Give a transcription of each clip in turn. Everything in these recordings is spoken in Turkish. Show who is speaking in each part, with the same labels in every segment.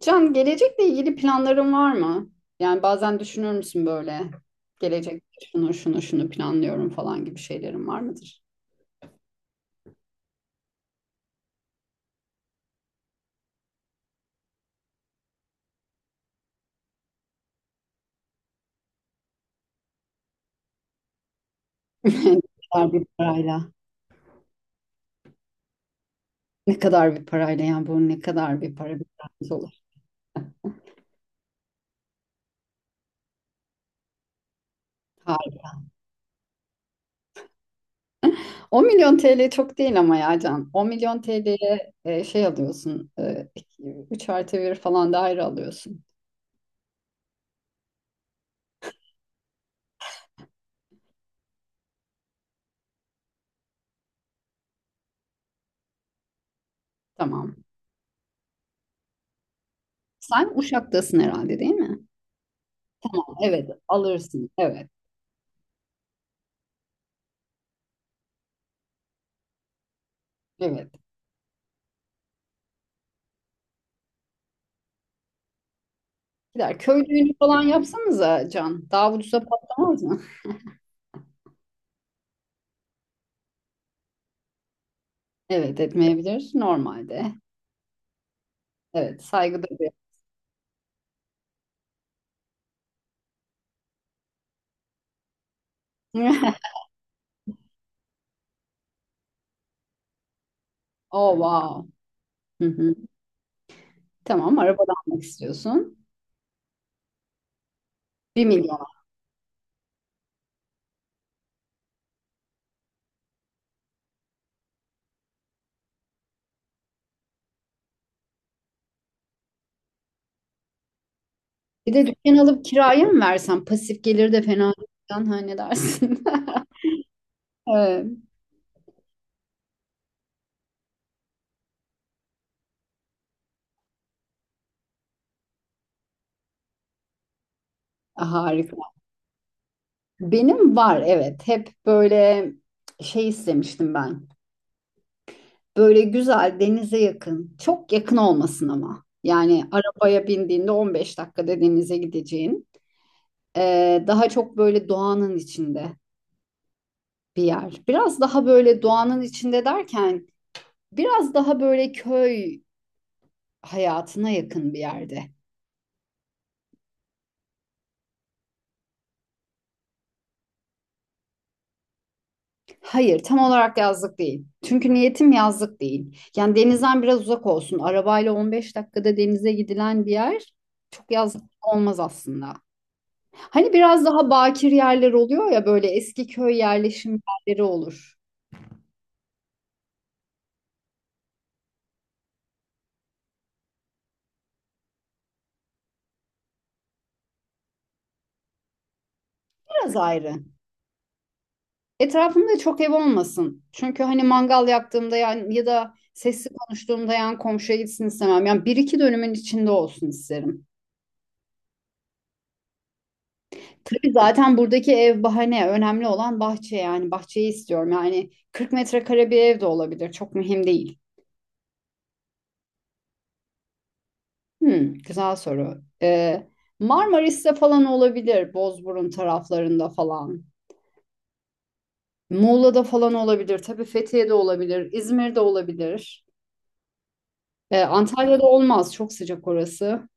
Speaker 1: Can, gelecekle ilgili planların var mı? Yani bazen düşünür müsün böyle? Gelecek şunu şunu şunu planlıyorum falan gibi şeylerin var mıdır? Ne kadar bir parayla? Ne kadar bir parayla yani bu ne kadar bir para bir paramız olur. 10 milyon TL çok değil ama ya Can. 10 milyon TL'ye şey alıyorsun. 3 artı 1 falan daire alıyorsun. Tamam. Sen Uşak'tasın herhalde değil mi? Evet alırsın. Evet. Evet. Gider. Köy düğünü falan yapsanıza Can. Daha ucuza patlamaz mı? Evet etmeyebilir normalde. Evet saygı duyuyor. Oh wow. Hı hı. Tamam araba da almak istiyorsun. Bir milyon. Bir de dükkan alıp kiraya mı versen pasif gelir de fena değil. Can, ha ne dersin? Evet, harika. Benim var evet. Hep böyle şey istemiştim ben. Böyle güzel denize yakın. Çok yakın olmasın ama. Yani arabaya bindiğinde 15 dakikada denize gideceğin. Daha çok böyle doğanın içinde bir yer. Biraz daha böyle doğanın içinde derken biraz daha böyle köy hayatına yakın bir yerde. Hayır, tam olarak yazlık değil. Çünkü niyetim yazlık değil. Yani denizden biraz uzak olsun. Arabayla 15 dakikada denize gidilen bir yer çok yazlık olmaz aslında. Hani biraz daha bakir yerler oluyor ya böyle eski köy yerleşim yerleri olur. Biraz ayrı. Etrafımda çok ev olmasın. Çünkü hani mangal yaktığımda yani ya da sesli konuştuğumda yan komşuya gitsin istemem. Yani bir iki dönümün içinde olsun isterim. Tabii zaten buradaki ev bahane. Önemli olan bahçe yani. Bahçeyi istiyorum. Yani 40 metrekare bir ev de olabilir. Çok mühim değil. Hmm, güzel soru. Marmaris'te falan olabilir. Bozburun taraflarında falan. Muğla'da falan olabilir. Tabii Fethiye'de olabilir. İzmir'de olabilir. Antalya'da olmaz. Çok sıcak orası.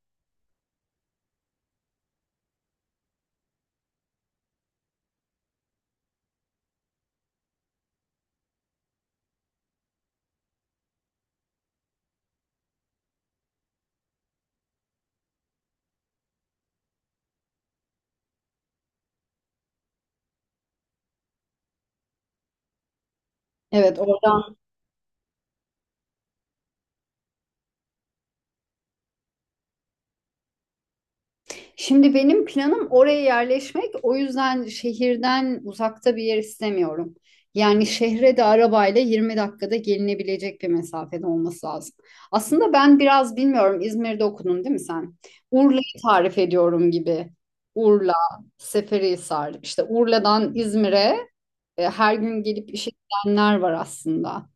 Speaker 1: Evet, oradan. Şimdi benim planım oraya yerleşmek. O yüzden şehirden uzakta bir yer istemiyorum. Yani şehre de arabayla 20 dakikada gelinebilecek bir mesafede olması lazım. Aslında ben biraz bilmiyorum İzmir'de okudun değil mi sen? Urla'yı tarif ediyorum gibi. Urla, Seferihisar. İşte Urla'dan İzmir'e her gün gelip işe gidenler var aslında.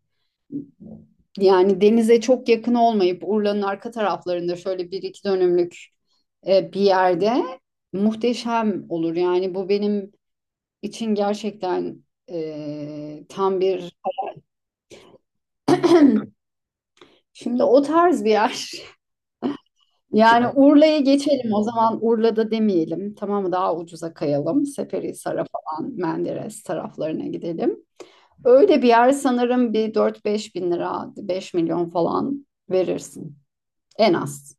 Speaker 1: Yani denize çok yakın olmayıp Urla'nın arka taraflarında şöyle bir iki dönümlük bir yerde muhteşem olur. Yani bu benim için gerçekten tam bir. Şimdi o tarz bir yer. Yani Urla'ya geçelim o zaman Urla'da demeyelim tamam mı daha ucuza kayalım Seferihisar'a falan Menderes taraflarına gidelim. Öyle bir yer sanırım bir dört beş bin lira 5 milyon falan verirsin en az.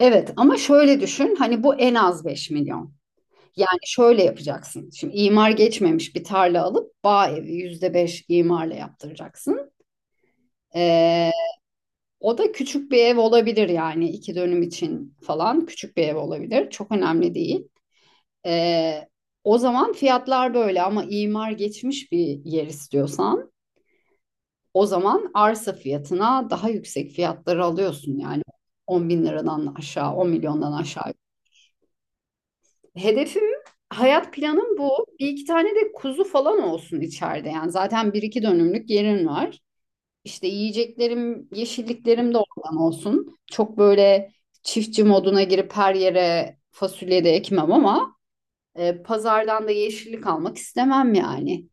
Speaker 1: Evet ama şöyle düşün hani bu en az 5 milyon. Yani şöyle yapacaksın. Şimdi imar geçmemiş bir tarla alıp bağ evi %5 imarla yaptıracaksın. Ee, o da küçük bir ev olabilir yani iki dönüm için falan küçük bir ev olabilir. Çok önemli değil. Ee, o zaman fiyatlar böyle ama imar geçmiş bir yer istiyorsan o zaman arsa fiyatına daha yüksek fiyatları alıyorsun yani 10 bin liradan aşağı on milyondan aşağı. Hedefim, hayat planım bu. Bir iki tane de kuzu falan olsun içeride. Yani zaten bir iki dönümlük yerim var. İşte yiyeceklerim, yeşilliklerim de oradan olsun. Çok böyle çiftçi moduna girip her yere fasulye de ekmem ama pazardan da yeşillik almak istemem yani.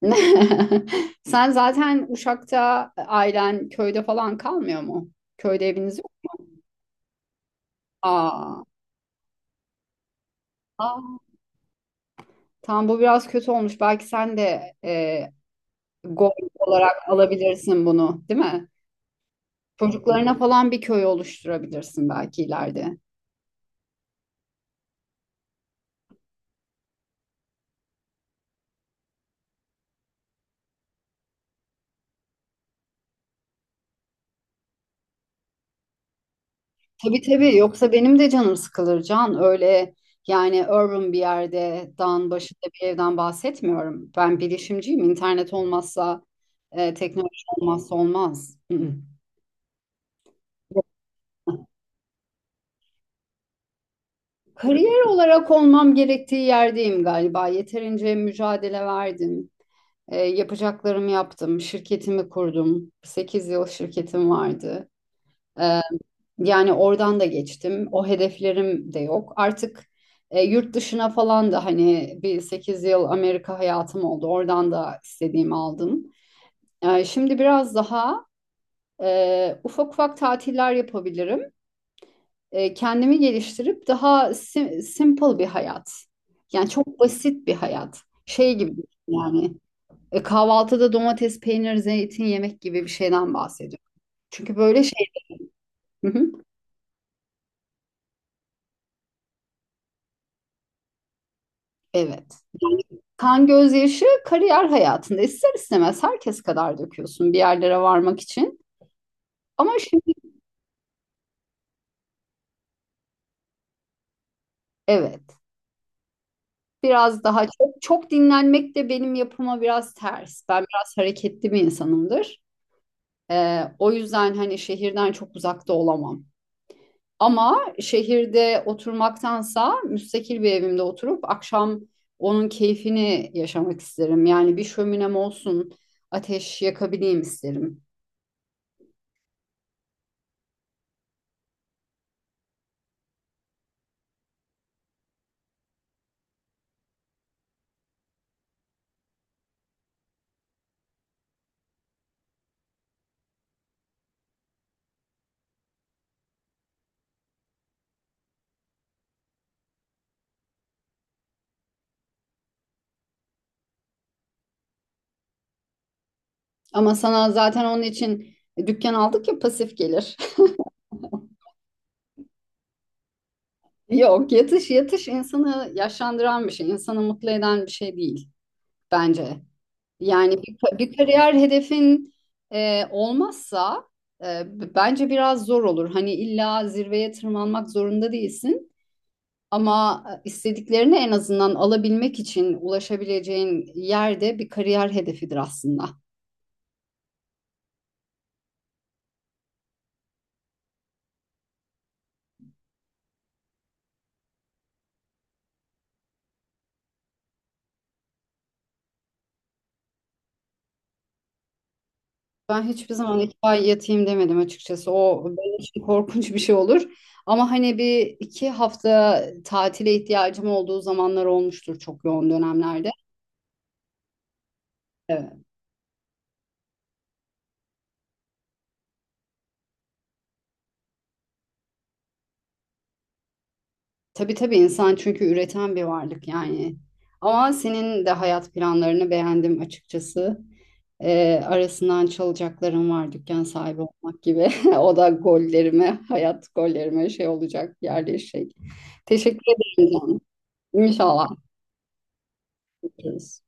Speaker 1: Sen zaten Uşak'ta ailen köyde falan kalmıyor mu? Köyde eviniz yok mu? Aa, aa, tam bu biraz kötü olmuş. Belki sen de gol olarak alabilirsin bunu, değil mi? Çocuklarına falan bir köy oluşturabilirsin belki ileride. Tabii tabii yoksa benim de canım sıkılır Can. Öyle yani urban bir yerde dağın başında bir evden bahsetmiyorum. Ben bilişimciyim. İnternet olmazsa teknoloji olmazsa olmaz. Hı-hı. Kariyer olarak olmam gerektiği yerdeyim galiba. Yeterince mücadele verdim. Yapacaklarımı yaptım. Şirketimi kurdum. 8 yıl şirketim vardı. Ee, yani oradan da geçtim. O hedeflerim de yok. Artık yurt dışına falan da hani bir 8 yıl Amerika hayatım oldu. Oradan da istediğimi aldım. Şimdi biraz daha ufak ufak tatiller yapabilirim. Kendimi geliştirip daha simple bir hayat. Yani çok basit bir hayat. Şey gibi yani kahvaltıda domates, peynir, zeytin yemek gibi bir şeyden bahsediyorum. Çünkü böyle şey. Hı hı. Evet. Kan gözyaşı kariyer hayatında ister istemez herkes kadar döküyorsun bir yerlere varmak için. Ama şimdi evet biraz daha çok, çok dinlenmek de benim yapıma biraz ters. Ben biraz hareketli bir insanımdır. O yüzden hani şehirden çok uzakta olamam. Ama şehirde oturmaktansa müstakil bir evimde oturup akşam onun keyfini yaşamak isterim. Yani bir şöminem olsun, ateş yakabileyim isterim. Ama sana zaten onun için dükkan aldık ya pasif gelir. Yok, yatış yatış insanı yaşlandıran bir şey, insanı mutlu eden bir şey değil bence. Yani bir kariyer hedefin olmazsa bence biraz zor olur. Hani illa zirveye tırmanmak zorunda değilsin ama istediklerini en azından alabilmek için ulaşabileceğin yerde bir kariyer hedefidir aslında. Ben hiçbir zaman 2 ay yatayım demedim açıkçası. O benim için korkunç bir şey olur. Ama hani bir iki hafta tatile ihtiyacım olduğu zamanlar olmuştur çok yoğun dönemlerde. Evet. Tabii tabii insan çünkü üreten bir varlık yani. Ama senin de hayat planlarını beğendim açıkçası. Arasından çalacaklarım var dükkan sahibi olmak gibi. O da gollerime, hayat gollerime şey olacak, yerleşecek. Teşekkür ederim canım. İnşallah. Görüşürüz.